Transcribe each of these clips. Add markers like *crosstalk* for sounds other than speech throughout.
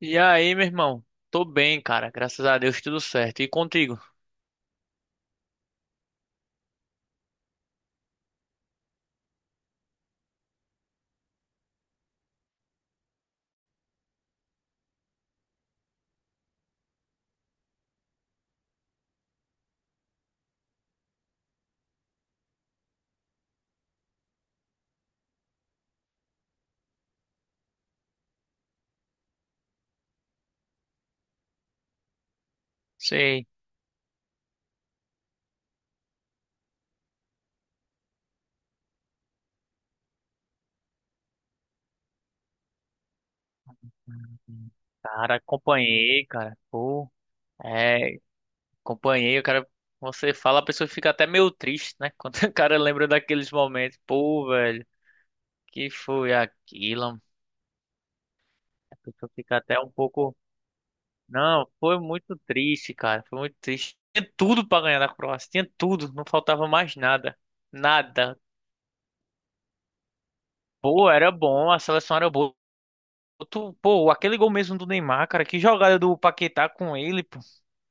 E aí, meu irmão? Tô bem, cara. Graças a Deus, tudo certo. E contigo? Sei. Uhum. Cara, acompanhei, cara. Pô, é, acompanhei. O cara, você fala, a pessoa fica até meio triste, né? *laughs* Quando o cara lembra daqueles momentos. Pô, velho, que foi aquilo? A pessoa fica até um pouco. Não, foi muito triste, cara. Foi muito triste. Tinha tudo pra ganhar da Croácia. Tinha tudo. Não faltava mais nada. Nada. Pô, era bom. A seleção era boa. Tu, pô, aquele gol mesmo do Neymar, cara, que jogada do Paquetá com ele, pô.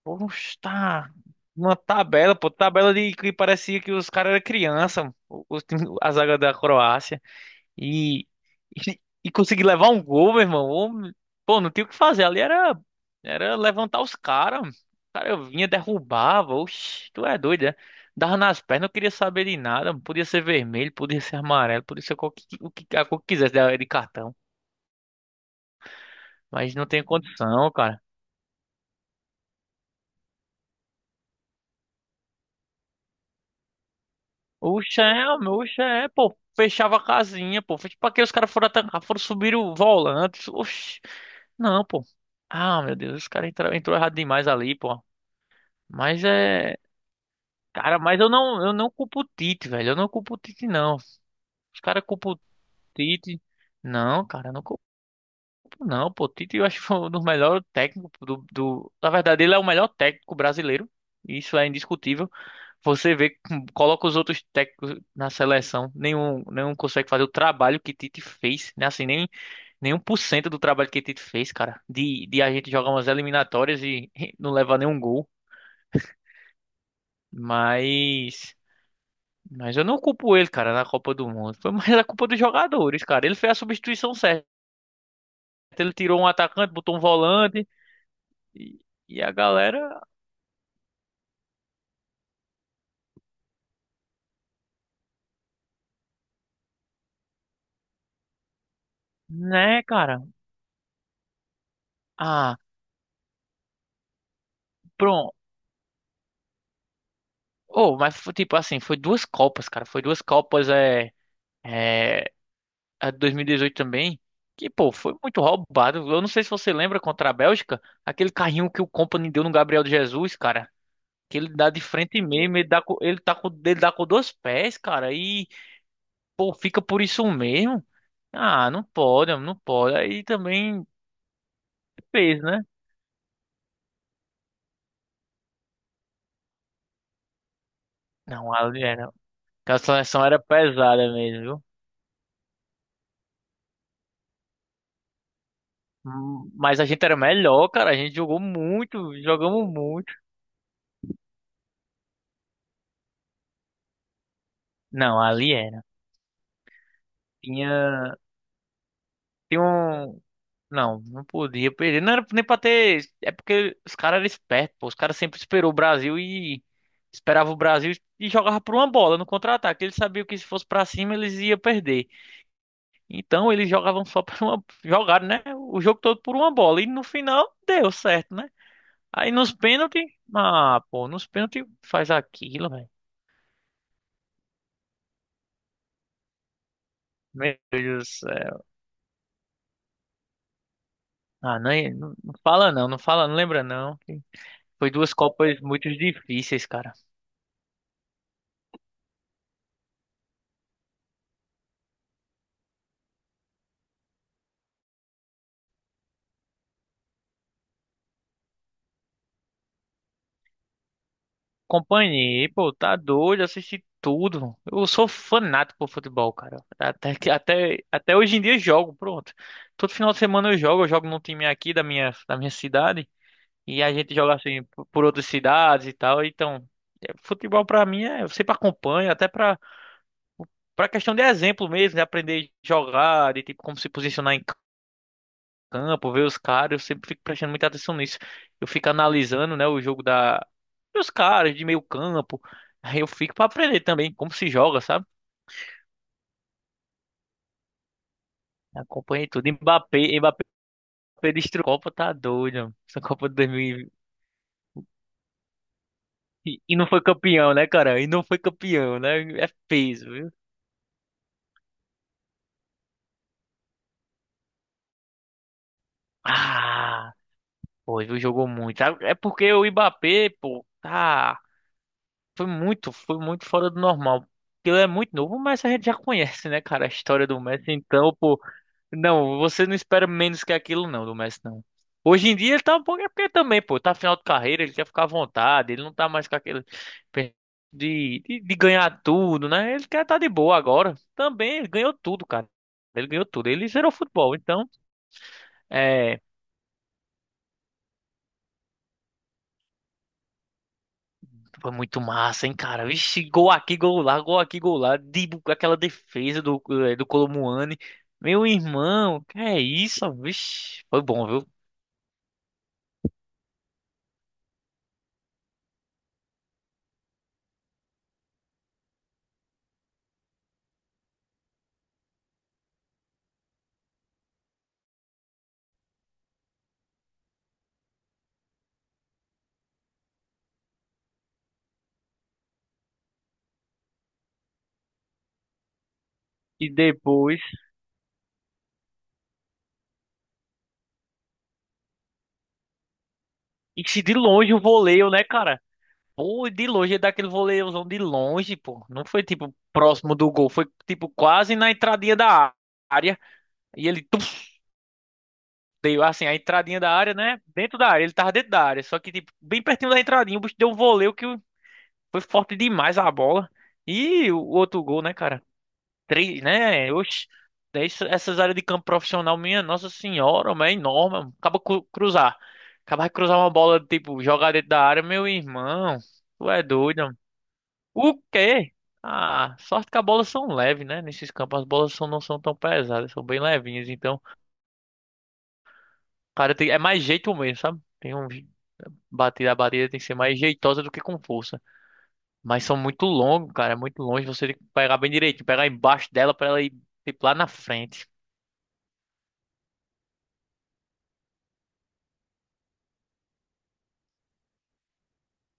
Pô, tá uma tabela, pô, tabela de que parecia que os caras eram criança, a zaga da Croácia e, e conseguir levar um gol, meu irmão. Ô, pô, não tinha o que fazer, ali era era levantar os caras. O cara vinha derrubava, oxi, tu é doido, né? Dava nas pernas, não queria saber de nada, podia ser vermelho, podia ser amarelo, podia ser qualquer, o que a cor que quisesse de cartão, mas não tem condição, cara. Oxe, é, meu, oxe, é, pô. Fechava a casinha, pô. Fez pra que os caras foram atacar, foram subir o volante. Oxe, não, pô. Ah, meu Deus, os caras entraram entrou errado demais ali, pô. Mas é. Cara, eu não culpo o Tite, velho. Eu não culpo o Tite, não. Os caras culpam o Tite. Não, cara, eu não culpo, não, pô. O Tite eu acho que foi um dos melhores técnicos do. Na verdade, ele é o melhor técnico brasileiro. Isso é indiscutível. Você vê, coloca os outros técnicos na seleção, nenhum consegue fazer o trabalho que Tite fez, né? Assim, nem nenhum por cento do trabalho que Tite fez, cara, de a gente jogar umas eliminatórias e *laughs* não levar nenhum gol. Mas, mas eu não culpo ele, cara, na Copa do Mundo. Foi mais a culpa dos jogadores, cara. Ele fez a substituição certa. Ele tirou um atacante, botou um volante e, e a galera, né, cara? Ah, pronto. Oh, mas foi, tipo assim, foi duas Copas, cara. Foi duas Copas, é, a de 2018 também, que, pô, foi muito roubado. Eu não sei se você lembra contra a Bélgica, aquele carrinho que o Company deu no Gabriel Jesus, cara. Que ele dá de frente mesmo, ele dá com dois pés, cara, e, pô, fica por isso mesmo. Ah, não pode, não pode. Aí também fez, né? Não, ali era. Aquela seleção era pesada mesmo, viu? Mas a gente era melhor, cara. A gente jogou muito, jogamos muito. Não, ali era. Tinha. Tem um. Não, não podia perder. Não era nem pra ter. É porque os caras eram espertos, pô. Os caras sempre esperou o Brasil e. Esperava o Brasil e jogava por uma bola no contra-ataque. Eles sabiam que se fosse pra cima eles iam perder. Então eles jogavam só por uma. Jogaram, né? O jogo todo por uma bola. E no final deu certo, né? Aí nos pênaltis. Ah, pô, nos pênaltis faz aquilo, velho. Meu Deus do céu. Ah, não, é, não fala não, não fala, não lembra não. Foi duas Copas muito difíceis, cara. Acompanhei, pô, tá doido, assisti tudo. Eu sou fanático por futebol, cara. Até hoje em dia eu jogo, pronto. Todo final de semana eu jogo num time aqui da minha cidade. E a gente joga por outras cidades e tal. Então, é, futebol pra mim é, eu sempre acompanho, até pra para questão de exemplo mesmo, de aprender a jogar, de tipo como se posicionar em campo, ver os caras, eu sempre fico prestando muita atenção nisso. Eu fico analisando, né, o jogo da dos caras de meio campo. Aí eu fico pra aprender também como se joga, sabe? Acompanhei tudo. Mbappé destruiu a Copa, tá doido, mano. Essa Copa de 2020. E vinte. E não foi campeão, né, cara? E não foi campeão, né? É peso, viu? Ah, foi, viu? Jogou muito. Ah, é porque o Mbappé, pô, tá. Foi muito fora do normal. Ele é muito novo, mas a gente já conhece, né, cara, a história do Messi. Então, pô, não, você não espera menos que aquilo, não, do Messi, não. Hoje em dia ele tá um pouco. É porque também, pô, tá final de carreira, ele quer ficar à vontade, ele não tá mais com aquele. Pe- de ganhar tudo, né? Ele quer tá de boa agora. Também, ele ganhou tudo, cara. Ele ganhou tudo. Ele zerou o futebol. Então, é, foi muito massa, hein, cara? Vixe, gol aqui, gol lá, gol aqui, gol lá. Aquela defesa do, do Colomuani. Meu irmão, que é isso? Vixe, foi bom, viu? E depois. E se de longe o voleio, né, cara? Pô, de longe, é daquele voleiozão de longe, pô. Não foi tipo próximo do gol, foi tipo quase na entradinha da área. E ele tum, deu assim, a entradinha da área, né? Dentro da área, ele tava dentro da área. Só que, tipo, bem pertinho da entradinha, o bicho deu um voleio que foi forte demais a bola. E o outro gol, né, cara? Três, né? Oxe, essa- essas áreas de campo profissional, minha Nossa Senhora, mas é enorme, mano. Acaba cru- cruzar. Acaba de cruzar uma bola, tipo, jogar dentro da área, meu irmão. Tu é doido, mano. O quê? Ah, sorte que as bolas são leves, né? Nesses campos as bolas são, não são tão pesadas, são bem levinhas. Então, o cara, tem, é mais jeito mesmo, sabe? Tem um batida, a batida tem que ser mais jeitosa do que com força. Mas são muito longos, cara. É muito longe. Você tem que pegar bem direitinho, pegar embaixo dela pra ela ir tipo, lá na frente.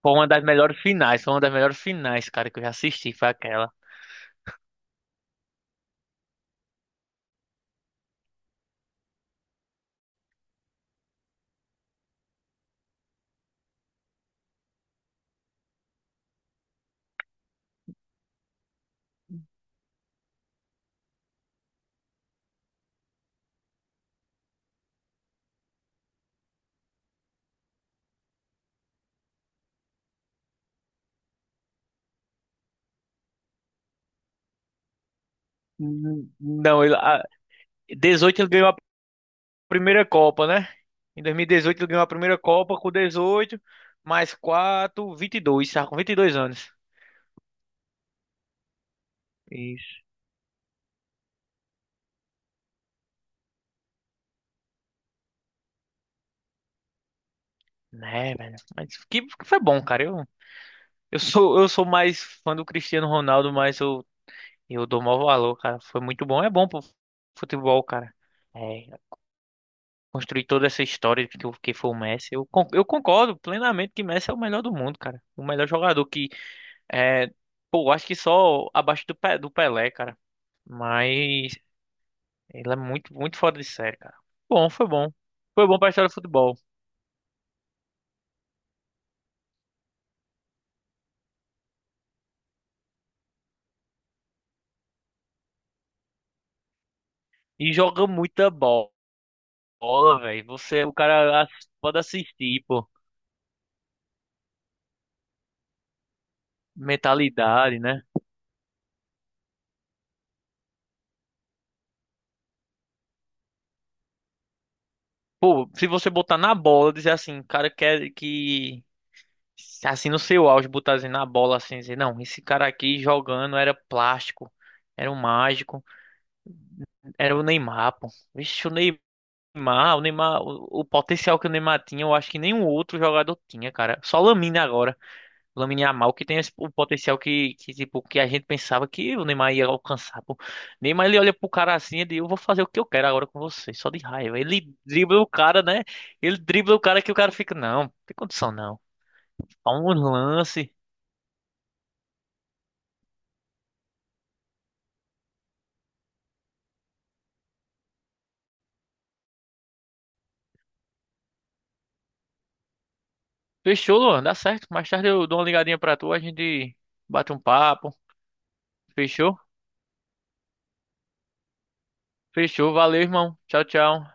Foi uma das melhores finais. Foi uma das melhores finais, cara, que eu já assisti. Foi aquela. Não, 18 ele ganhou a primeira Copa, né? Em 2018 ele ganhou a primeira Copa com 18, mais 4, 22, sabe? Com 22 anos. Isso. Né, velho. Mas que foi bom, cara. Eu sou mais fã do Cristiano Ronaldo, mas eu e eu dou maior valor, cara. Foi muito bom. É bom pro futebol, cara. É, construir toda essa história que foi o Messi. Eu concordo plenamente que Messi é o melhor do mundo, cara. O melhor jogador que é, pô, acho que só abaixo do Pelé, cara. Mas ele é muito fora de série, cara. Bom, foi bom. Foi bom pra história do futebol. E joga muita bola, velho. Você, o cara ass- pode assistir, pô. Mentalidade, né? Pô, se você botar na bola, dizer assim, o cara quer que assim no seu auge, botar assim na bola assim, dizer, não, esse cara aqui jogando era plástico, era um mágico, era o Neymar, pô. Vixe, o potencial que o Neymar tinha, eu acho que nenhum outro jogador tinha, cara. Só o Lamine agora, o Lamine Yamal que tem esse- o potencial que tipo que a gente pensava que o Neymar ia alcançar, pô. Neymar ele olha pro cara assim e diz, eu vou fazer o que eu quero agora com você, só de raiva. Ele dribla o cara, né? Ele dribla o cara que o cara fica, não, não tem condição não. Dá um lance. Fechou, Luan, dá certo. Mais tarde eu dou uma ligadinha pra tu, a gente bate um papo. Fechou? Fechou, valeu, irmão. Tchau, tchau.